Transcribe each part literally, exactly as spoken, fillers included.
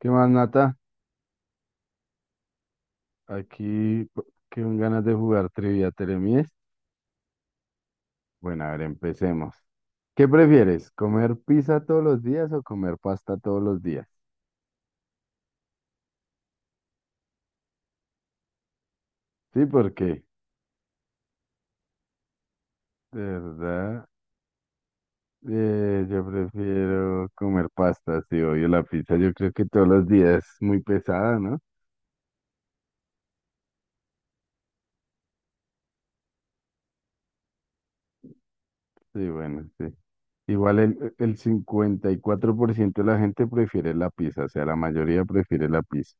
¿Qué más, Nata? Aquí p- con ganas de jugar Trivia Teremies. Bueno, a ver, empecemos. ¿Qué prefieres? ¿Comer pizza todos los días o comer pasta todos los días? Sí, porque, de verdad, eh, yo prefiero comer pasta, sí, obvio la pizza. Yo creo que todos los días es muy pesada, ¿no? Sí, bueno, sí. Igual el, el cincuenta y cuatro por ciento de la gente prefiere la pizza, o sea, la mayoría prefiere la pizza.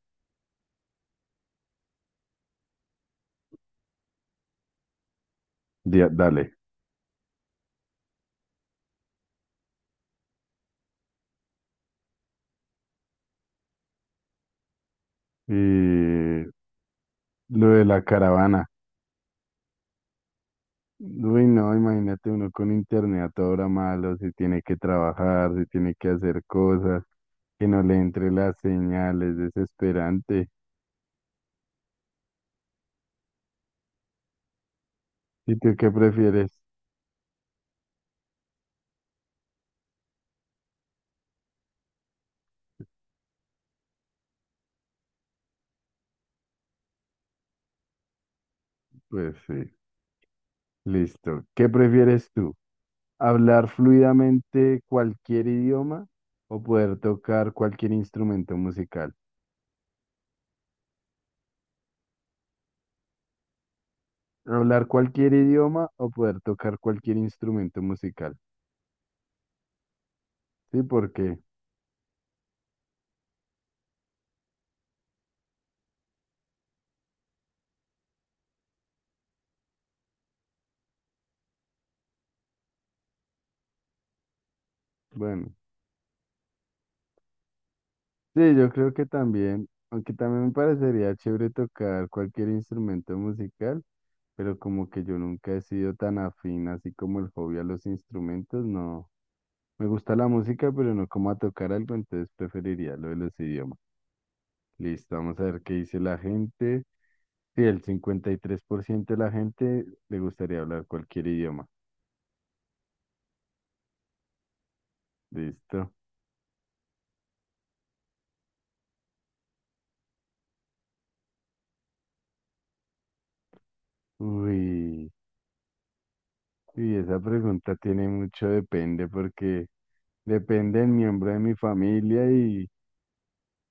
Dia- Dale. Y lo de la caravana. Uy, no, imagínate uno con internet a hora malo, si tiene que trabajar, si tiene que hacer cosas, que no le entre las señales desesperante. ¿Y tú qué prefieres? Pues sí, listo. ¿Qué prefieres tú? ¿Hablar fluidamente cualquier idioma o poder tocar cualquier instrumento musical? ¿Hablar cualquier idioma o poder tocar cualquier instrumento musical? Sí, porque, bueno, sí, yo creo que también, aunque también me parecería chévere tocar cualquier instrumento musical, pero como que yo nunca he sido tan afín, así como el hobby a los instrumentos, no. Me gusta la música, pero no como a tocar algo, entonces preferiría lo de los idiomas. Listo, vamos a ver qué dice la gente. Sí, el cincuenta y tres por ciento de la gente le gustaría hablar cualquier idioma. Listo. Uy, y esa pregunta tiene mucho depende porque depende del miembro de mi familia y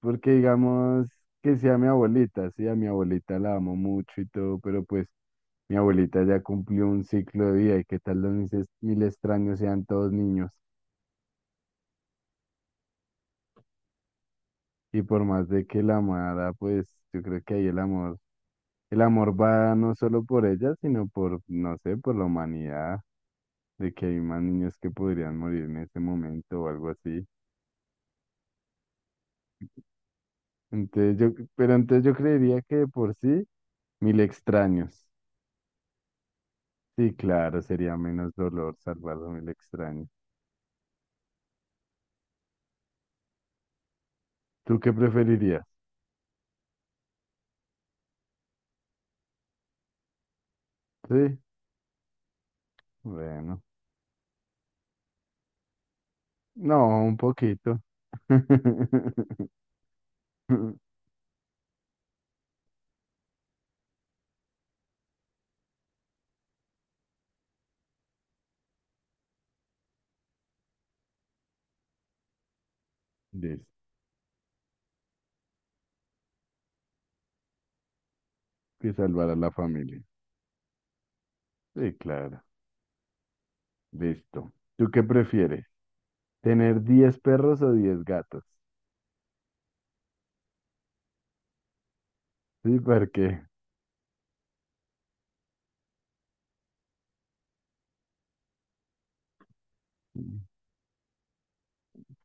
porque digamos que sea mi abuelita, sí, a mi abuelita la amo mucho y todo, pero pues mi abuelita ya cumplió un ciclo de vida y qué tal los mis es- mil extraños sean todos niños. Y por más de que la amara, pues yo creo que ahí el amor, el amor va no solo por ella, sino por, no sé, por la humanidad, de que hay más niños que podrían morir en ese momento o algo así. Entonces yo, pero entonces yo creería que de por sí, mil extraños. Sí, claro, sería menos dolor salvar a mil extraños. ¿Tú qué preferirías? Sí, bueno. No, un poquito. Listo. Que salvar a la familia. Sí, claro. Listo. ¿Tú qué prefieres? ¿Tener diez perros o diez gatos? Sí, porque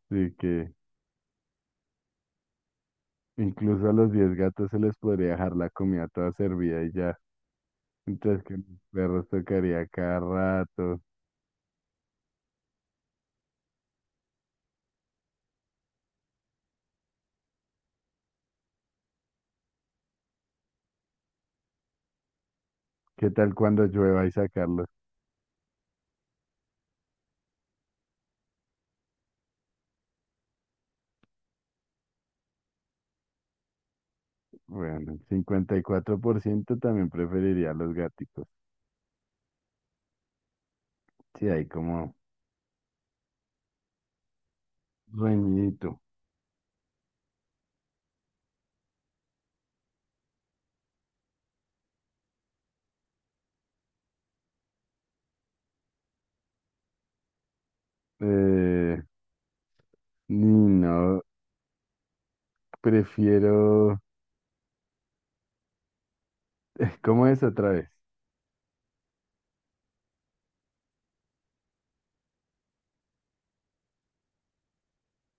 sí que incluso a los diez gatos se les podría dejar la comida toda servida y ya. Entonces que los perros tocaría cada rato. ¿Qué tal cuando llueva y sacarlos? Bueno, el cincuenta y cuatro por ciento también preferiría los gatos. Sí, hay como reñidito. Eh, ni no, prefiero. ¿Cómo es otra vez?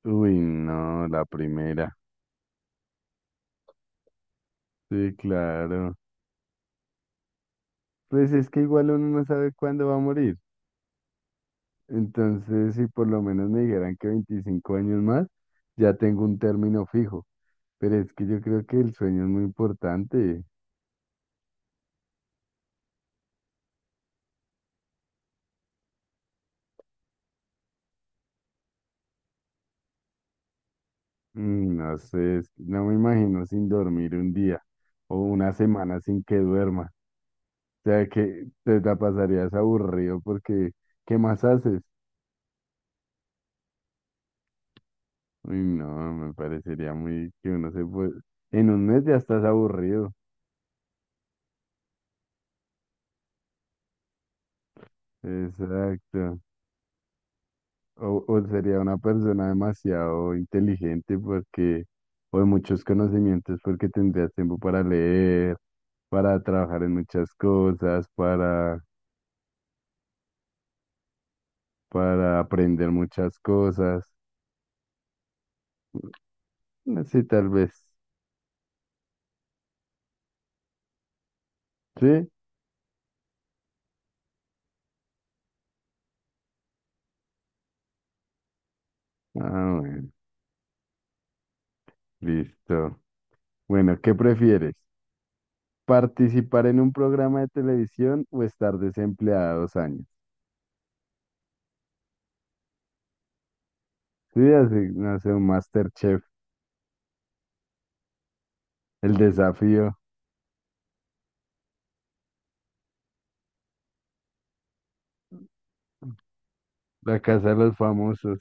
Uy, no, la primera. Sí, claro. Pues es que igual uno no sabe cuándo va a morir. Entonces, si por lo menos me dijeran que veinticinco años más, ya tengo un término fijo. Pero es que yo creo que el sueño es muy importante. Mm, No sé, es que no me imagino sin dormir un día o una semana sin que duerma. O sea, que te la pasarías aburrido porque, ¿qué más haces? Uy, no, me parecería muy que uno se puede... En un mes ya estás aburrido. Exacto. O, o sería una persona demasiado inteligente porque, o de muchos conocimientos porque tendrías tiempo para leer, para trabajar en muchas cosas, para, para aprender muchas cosas. Así tal vez. ¿Sí? Ah, bueno, listo. Bueno, ¿qué prefieres? Participar en un programa de televisión o estar desempleado dos años. Sí, así, no sé, un MasterChef, El Desafío, La Casa de los Famosos.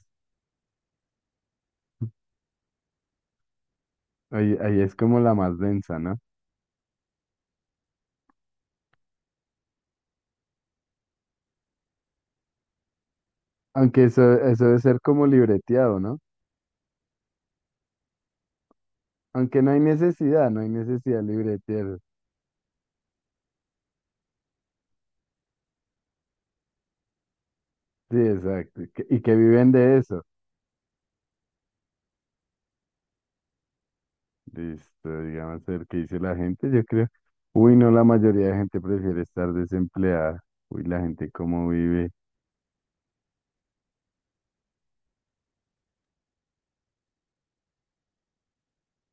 Ahí, ahí es como la más densa, ¿no? Aunque eso, eso debe ser como libreteado, ¿no? Aunque no hay necesidad, no hay necesidad de libretear. Sí, exacto. que- Y que viven de eso. Listo, digamos, el que dice la gente, yo creo. Uy, no, la mayoría de gente prefiere estar desempleada. Uy, la gente cómo vive.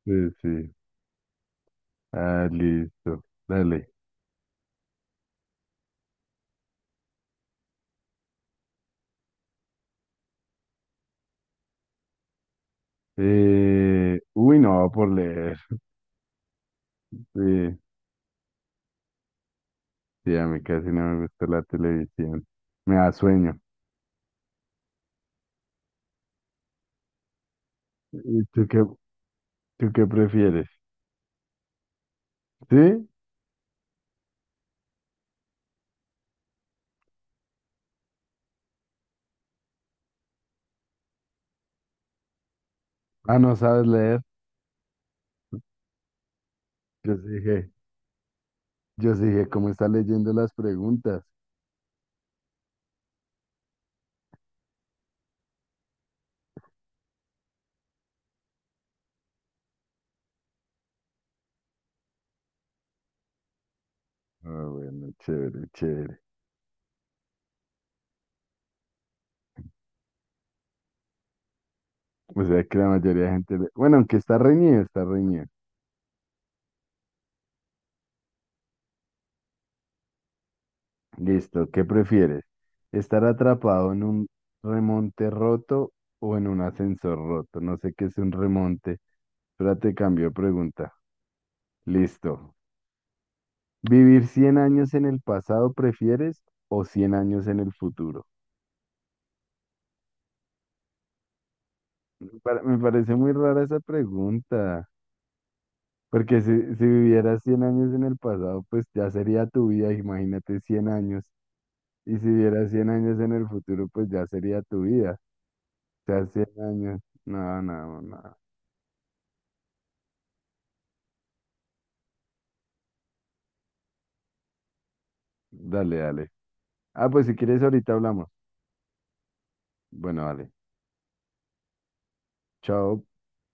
Sí, sí. Ah, listo. Dale. Eh, uy, no, por leer. Sí, sí, a mí casi no me gusta la televisión. Me da sueño. ¿Y tú qué, tú qué prefieres? ¿Sí? Ah, no sabes leer. Yo sí dije, yo sí dije, ¿cómo está leyendo las preguntas? Ah, bueno, chévere, chévere. O sea que la mayoría de gente... le- Bueno, aunque está reñido, está reñido. Listo, ¿qué prefieres? ¿Estar atrapado en un remonte roto o en un ascensor roto? No sé qué es un remonte. Espérate, cambio de pregunta. Listo. ¿Vivir cien años en el pasado prefieres o cien años en el futuro? Me pare- me parece muy rara esa pregunta, porque si, si vivieras cien años en el pasado, pues ya sería tu vida, imagínate cien años. Y si vivieras cien años en el futuro, pues ya sería tu vida. O sea, cien años. No, no, no. Dale, dale. Ah, pues si quieres ahorita hablamos. Bueno, dale. Chao.